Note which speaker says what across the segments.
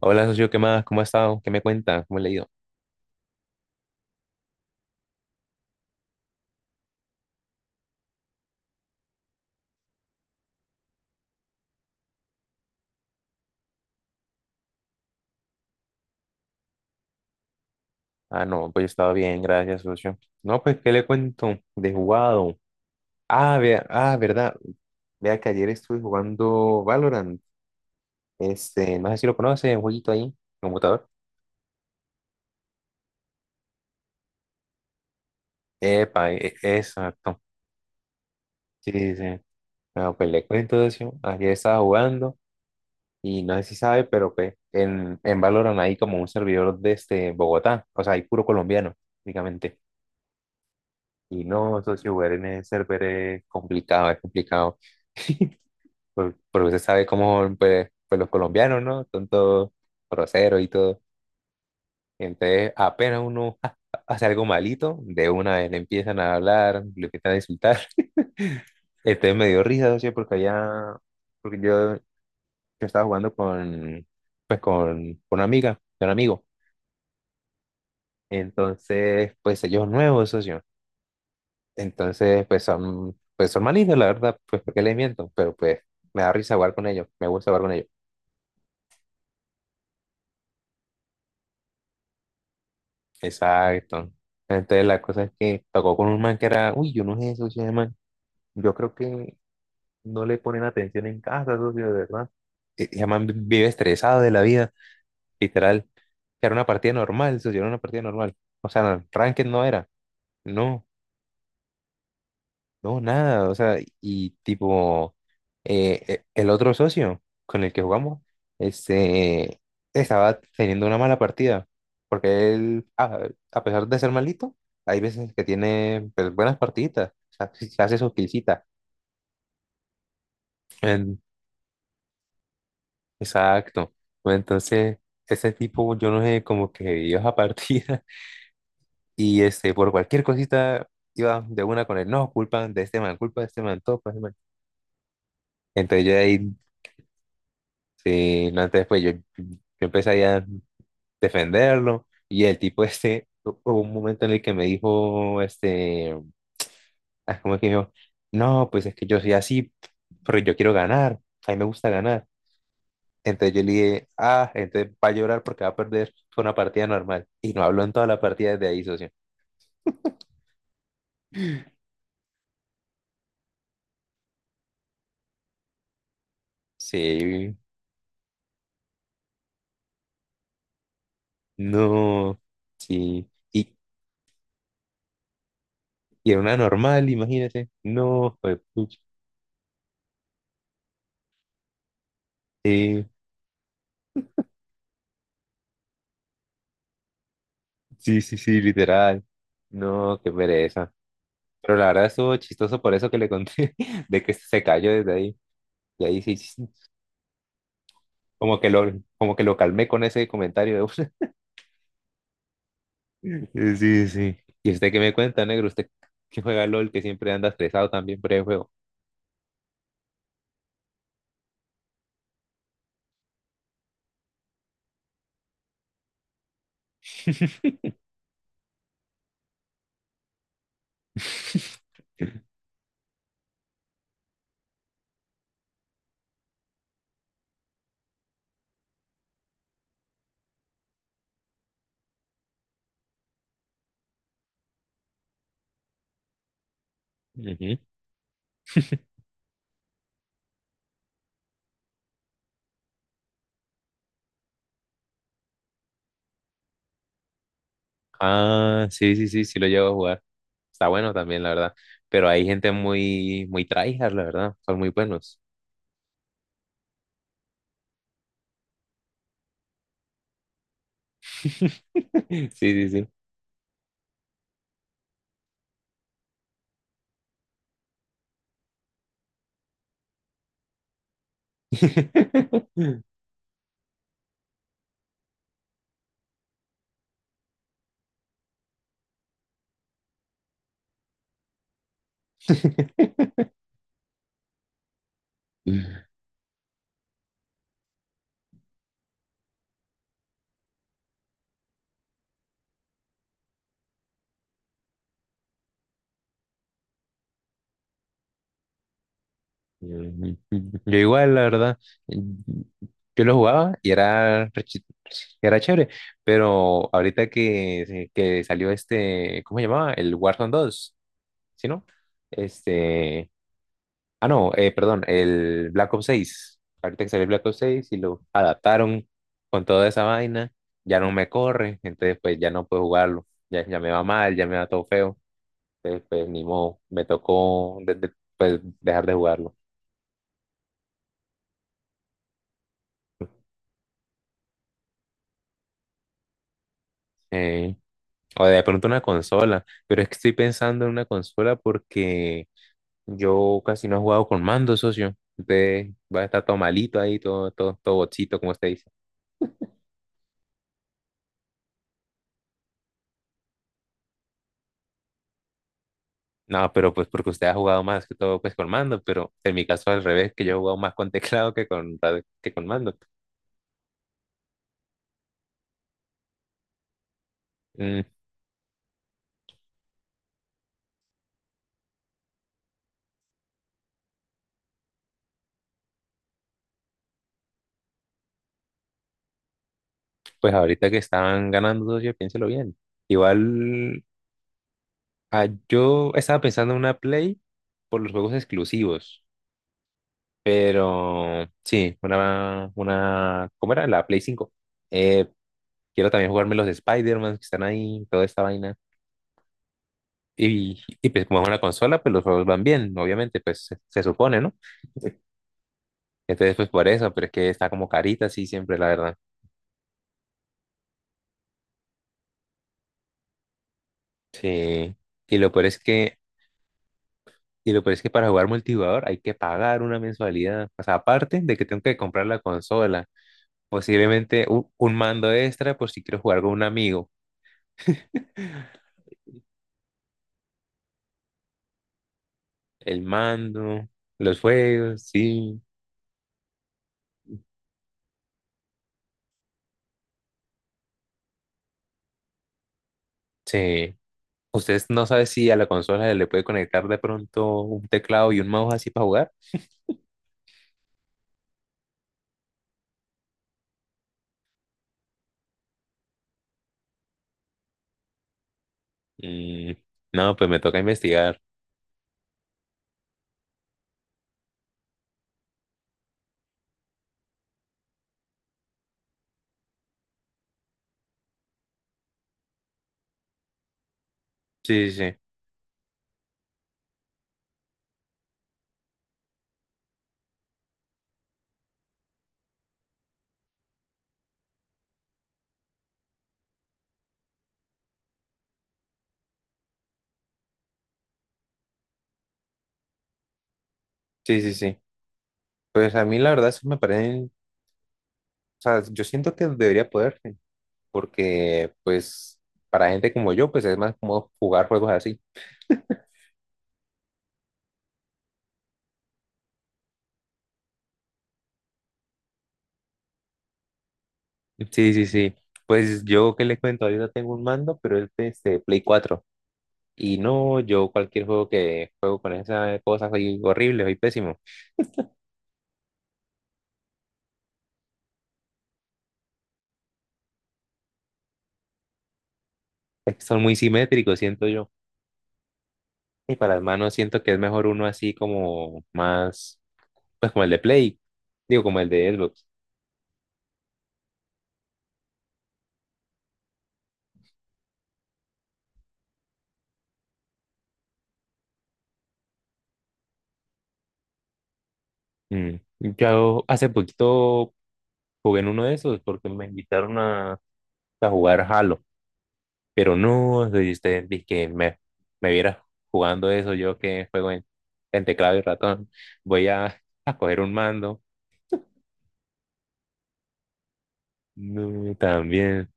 Speaker 1: Hola, socio, ¿qué más? ¿Cómo ha estado? ¿Qué me cuenta? ¿Cómo le ha ido? Ah, no, pues yo estaba bien, gracias, socio. No, pues, ¿qué le cuento? De jugado. Ah, vea, ah, verdad. Vea que ayer estuve jugando Valorant. No sé si lo conoce, un jueguito ahí, computador. Epa, exacto. Sí, sí, sí. No, pues le cuento, socio. Ayer estaba jugando y no sé si sabe, pero pues en Valorant hay como un servidor de Bogotá. O sea, hay puro colombiano, prácticamente. Y no, socio, jugar en el server es complicado, es complicado. Porque usted sabe cómo, pues, pues los colombianos, ¿no? Son todos groseros y todo. Entonces, apenas uno hace algo malito, de una vez le empiezan a hablar, le empiezan a insultar. Entonces me dio risa, socio, porque allá, porque yo estaba jugando pues, con una amiga, con un amigo. Entonces, pues, ellos nuevos, socio. Entonces, pues son malignos, la verdad, pues porque les miento, pero pues me da risa jugar con ellos, me gusta jugar con ellos. Exacto. Entonces la cosa es que tocó con un man que era, uy, yo no sé eso, ese man. Yo creo que no le ponen atención en casa, socio, de verdad. Ese man vive estresado de la vida, literal. Era una partida normal, socio, era una partida normal. O sea, no, ranked no era, no. No, nada, o sea, y tipo, el otro socio con el que jugamos, este, estaba teniendo una mala partida, porque él, a pesar de ser malito, hay veces que tiene pues, buenas partiditas, o sea, sí hace sus killcitas. En- Exacto. Bueno, entonces, ese tipo, yo no sé, como que iba a partida y por cualquier cosita iba de una con él, no, culpa de este man, culpa de este man, todo, pues, man. Entonces yo ahí. Sí, no, entonces pues yo empecé ahí a defenderlo y el tipo este, hubo un momento en el que me dijo, ah, ¿cómo es que dijo? No, pues es que yo soy así, pero yo quiero ganar, a mí me gusta ganar. Entonces yo le dije, ah, entonces va a llorar porque va a perder, fue una partida normal. Y no habló en toda la partida desde ahí, socio. Sí, no, sí, y era una normal, imagínese, no, pues, sí, sí, sí, sí, literal. No, qué pereza. Pero la verdad estuvo chistoso por eso que le conté, de que se cayó desde ahí. Y ahí sí, sí, como que lo, como que lo calmé con ese comentario de una. Sí, sí. ¿Y usted qué me cuenta, negro? Usted que juega LOL, que siempre anda estresado también por el juego. Ujú. Ah, sí, sí, sí, sí lo llevo a jugar. Está bueno también, la verdad. Pero hay gente muy, muy tryhard, la verdad. Son muy buenos. Sí, sí, sí. Mm, Yo igual, la verdad, mm, yo lo jugaba y era chévere, pero ahorita que salió ¿cómo se llamaba? El Warzone 2. ¿Sí no? Este, ah no, perdón, el Black Ops 6. Ahorita que salió el Black Ops 6 y lo adaptaron con toda esa vaina, ya no me corre, entonces pues ya no puedo jugarlo, ya, ya me va mal, ya me va todo feo, entonces pues ni modo, me tocó pues, dejar de jugarlo. Eh, O de pronto una consola, pero es que estoy pensando en una consola porque yo casi no he jugado con mando, socio. Usted va a estar todo malito ahí, todo, todo, todo bochito, como usted dice. No, pero pues porque usted ha jugado más que todo pues con mando, pero en mi caso al revés, que yo he jugado más con teclado que con mando. Mm, pues ahorita que estaban ganando, socio, piénselo bien. Igual, yo estaba pensando en una Play por los juegos exclusivos. Pero sí, una, ¿cómo era? La Play 5. Eh, Quiero también jugarme los de Spider-Man que están ahí, toda esta vaina. Y pues como es una consola, pues los juegos van bien, obviamente, pues se supone, ¿no? Entonces, pues por eso, pero es que está como carita así siempre, la verdad. Sí. Y lo peor es que, y lo peor es que para jugar multijugador hay que pagar una mensualidad. O sea, aparte de que tengo que comprar la consola, posiblemente un mando extra por si quiero jugar con un amigo. El mando, los juegos, sí. Sí. ¿Ustedes no saben si a la consola le puede conectar de pronto un teclado y un mouse así para jugar? Mm, no, pues me toca investigar. Sí, sí, sí. Sí, sí, sí. Pues a mí la verdad eso me parece, o sea, yo siento que debería poderse, porque pues para gente como yo, pues es más cómodo jugar juegos así. Sí, sí, sí. Pues yo que les cuento, ahorita tengo un mando, pero es de Play 4. Y no, yo cualquier juego que juego con esas cosas soy horrible, soy pésimo. Es que son muy simétricos, siento yo. Y para las manos siento que es mejor uno así como más, pues como el de Play, digo, como el de Xbox. Mm. Yo hace poquito jugué en uno de esos porque me invitaron a jugar Halo, pero no, si usted dice que me viera jugando eso, yo que juego en teclado y ratón, voy a coger un mando. No, también.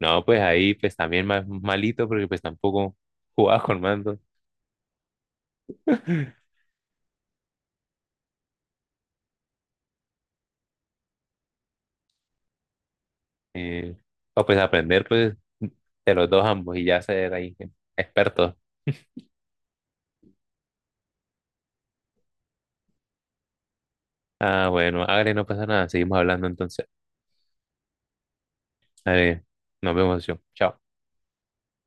Speaker 1: No, pues ahí pues también más malito porque pues tampoco jugaba con mando. Eh, o pues aprender pues de los dos ambos y ya ser ahí expertos. Ah, bueno, Agre, no pasa nada, seguimos hablando entonces. Dale, nos vemos, yo. Chao.